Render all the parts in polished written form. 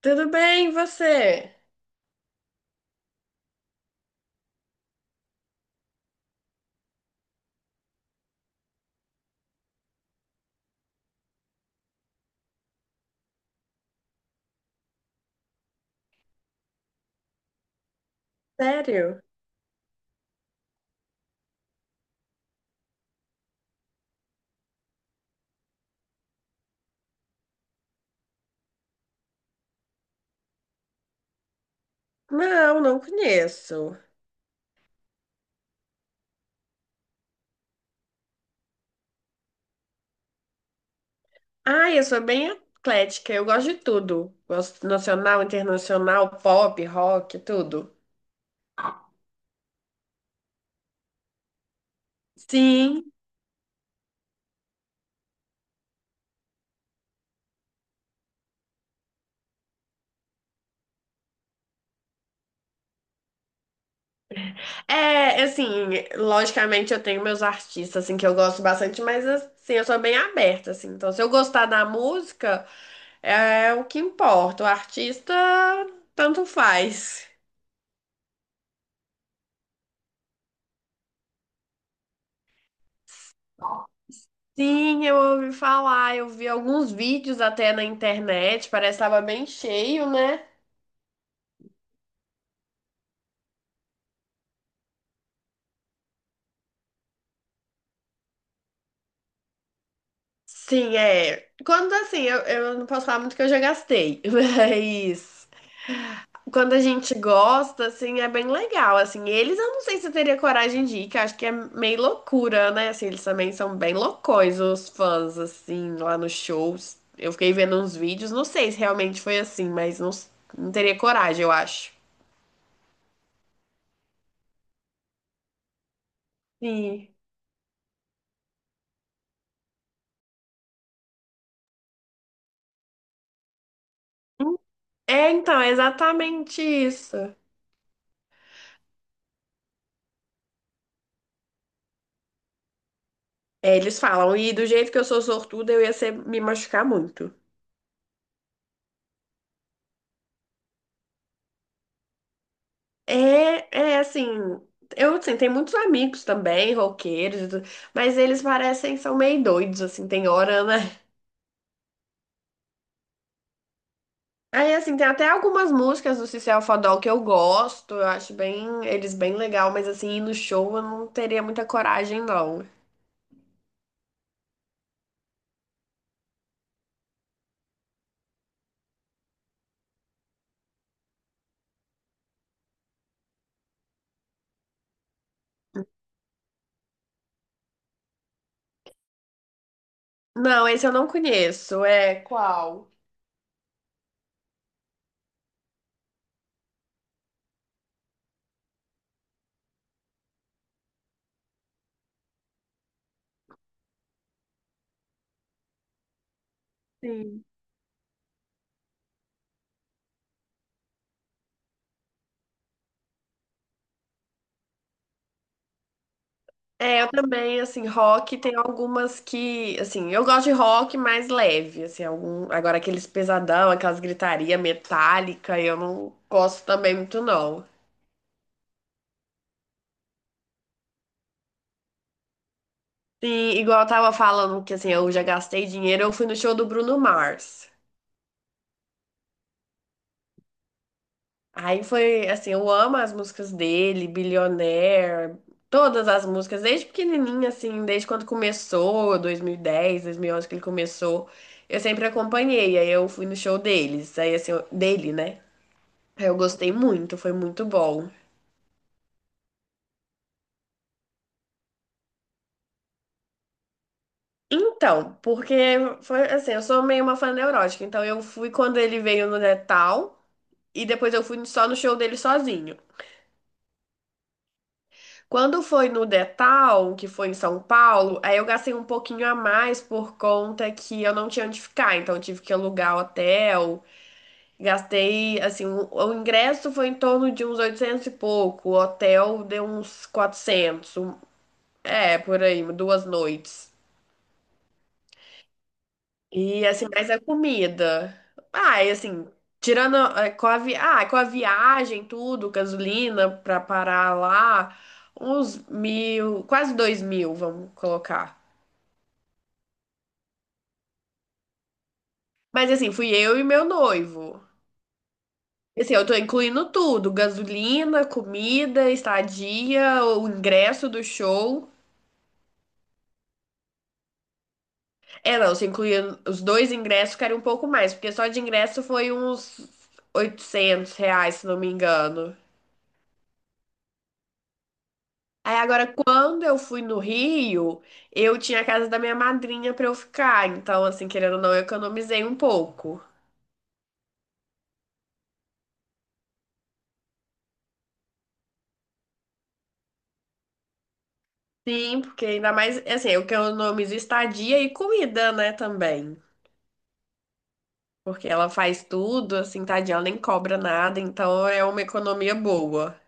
Tudo bem, e você? Sério? Não, não conheço. Ai, eu sou bem eclética, eu gosto de tudo. Gosto nacional, internacional, pop, rock, tudo. Sim. É, assim, logicamente eu tenho meus artistas, assim, que eu gosto bastante, mas, assim, eu sou bem aberta, assim. Então, se eu gostar da música, é o que importa. O artista, tanto faz. Sim, eu ouvi falar, eu vi alguns vídeos até na internet, parece que tava bem cheio, né? Sim, é. Quando assim, eu não posso falar muito que eu já gastei, mas quando a gente gosta, assim, é bem legal. Assim, eles eu não sei se eu teria coragem de ir, que eu acho que é meio loucura, né? Assim, eles também são bem loucões, os fãs, assim, lá nos shows. Eu fiquei vendo uns vídeos, não sei se realmente foi assim, mas não, não teria coragem, eu acho. Sim. É, então, é exatamente isso. É, eles falam, e do jeito que eu sou sortuda, eu ia ser, me machucar muito. É, é, assim, eu assim, tenho muitos amigos também, roqueiros, e tudo, mas eles parecem, são meio doidos, assim, tem hora, né? Aí, assim, tem até algumas músicas do Cecil Fadol que eu gosto, eu acho bem, eles bem legal, mas assim, ir no show eu não teria muita coragem, não. Não, esse eu não conheço, é qual? Sim. É, eu também, assim, rock tem algumas que, assim, eu gosto de rock mais leve, assim, algum, agora aqueles pesadão, aquelas gritaria metálica, eu não gosto também muito não. Sim, igual eu tava falando que, assim, eu já gastei dinheiro, eu fui no show do Bruno Mars. Aí foi, assim, eu amo as músicas dele, Billionaire, todas as músicas, desde pequenininha, assim, desde quando começou, 2010, onze que ele começou. Eu sempre acompanhei, aí eu fui no show deles, aí assim, dele, né? É, eu gostei muito, foi muito bom. Então, porque foi assim, eu sou meio uma fã neurótica, então eu fui quando ele veio no Detal e depois eu fui só no show dele sozinho. Quando foi no Detal, que foi em São Paulo, aí eu gastei um pouquinho a mais por conta que eu não tinha onde ficar, então eu tive que alugar hotel. Gastei, assim, o ingresso foi em torno de uns 800 e pouco, o hotel deu uns 400, um- é, por aí, 2 noites. E assim, mas a comida. Ah, e assim, tirando com a, com a viagem, tudo, gasolina pra parar lá, uns mil, quase dois mil, vamos colocar. Mas assim, fui eu e meu noivo. E, assim, eu tô incluindo tudo: gasolina, comida, estadia, o ingresso do show. É, não, se incluir os dois ingressos, ficaria um pouco mais, porque só de ingresso foi uns R$ 800, se não me engano. Aí agora, quando eu fui no Rio, eu tinha a casa da minha madrinha pra eu ficar. Então, assim, querendo ou não, eu economizei um pouco. Sim, porque ainda mais, assim, eu economizo estadia e comida, né, também. Porque ela faz tudo, assim, tadinha, ela nem cobra nada, então é uma economia boa.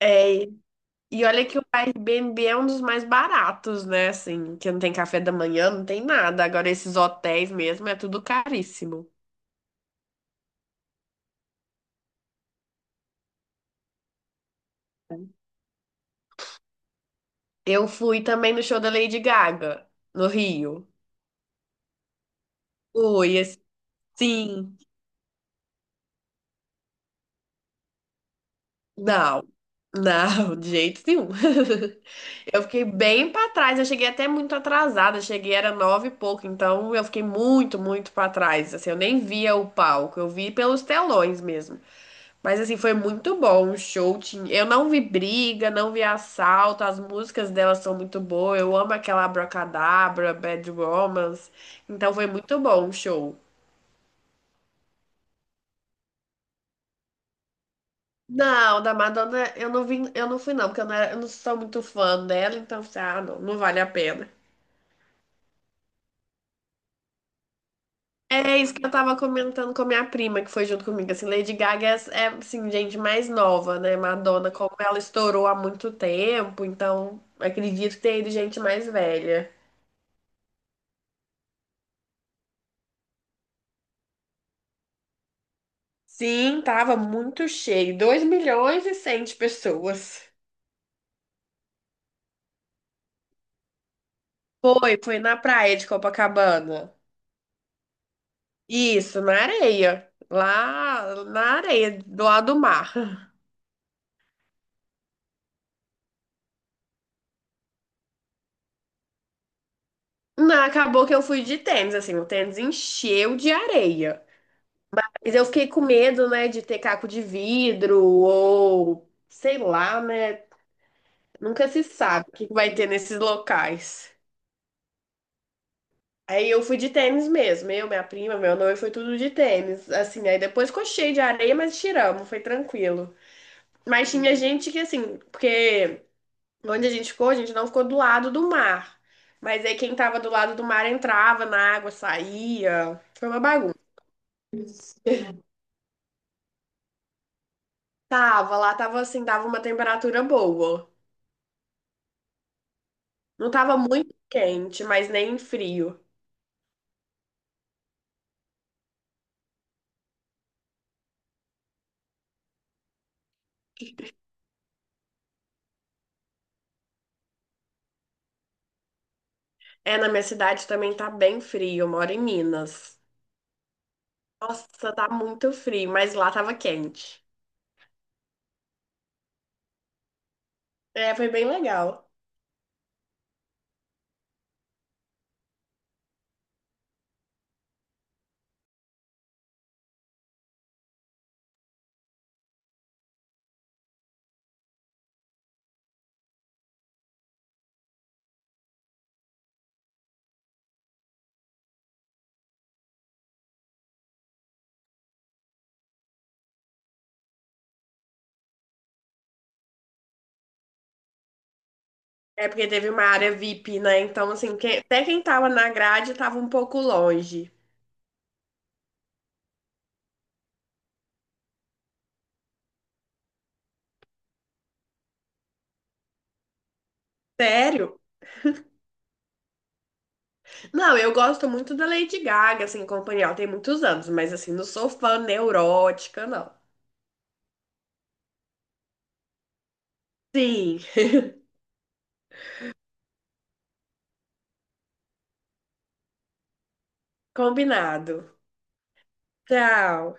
É, e olha que o Airbnb é um dos mais baratos, né, assim, que não tem café da manhã, não tem nada. Agora, esses hotéis mesmo, é tudo caríssimo. Eu fui também no show da Lady Gaga, no Rio. Fui, assim. Não, não, de jeito nenhum. Eu fiquei bem pra trás, eu cheguei até muito atrasada, cheguei era nove e pouco, então eu fiquei muito, muito pra trás. Assim, eu nem via o palco, eu vi pelos telões mesmo. Mas assim, foi muito bom o show. Eu não vi briga, não vi assalto, as músicas delas são muito boas. Eu amo aquela Abracadabra, Bad Romance. Então foi muito bom o show. Não, da Madonna eu não vim, eu não fui não, porque eu não, eu não sou muito fã dela, então eu falei, ah, não, não vale a pena. É isso que eu tava comentando com a minha prima, que foi junto comigo, assim, Lady Gaga é, assim, gente mais nova, né? Madonna, como ela estourou há muito tempo, então acredito que tenha ido gente mais velha. Sim, tava muito cheio, dois milhões e 100 de pessoas. Foi, na praia de Copacabana. Isso, na areia, lá na areia, do lado do mar. Não, acabou que eu fui de tênis, assim, o tênis encheu de areia. Mas eu fiquei com medo, né, de ter caco de vidro ou sei lá, né? Nunca se sabe o que vai ter nesses locais. Aí eu fui de tênis mesmo, eu, minha prima, meu noivo, foi tudo de tênis. Assim, aí depois ficou cheio de areia, mas tiramos, foi tranquilo. Mas tinha gente que, assim, porque onde a gente ficou, a gente não ficou do lado do mar. Mas aí quem tava do lado do mar entrava na água, saía. Foi uma bagunça. Tava lá, tava assim, dava uma temperatura boa. Não tava muito quente, mas nem frio. É, na minha cidade também tá bem frio, eu moro em Minas. Nossa, tá muito frio, mas lá tava quente. É, foi bem legal. É porque teve uma área VIP, né? Então, assim, até quem tava na grade tava um pouco longe. Sério? Não, eu gosto muito da Lady Gaga, assim, companhia, ela tem muitos anos, mas assim, não sou fã neurótica, não. Sim, combinado. Tchau.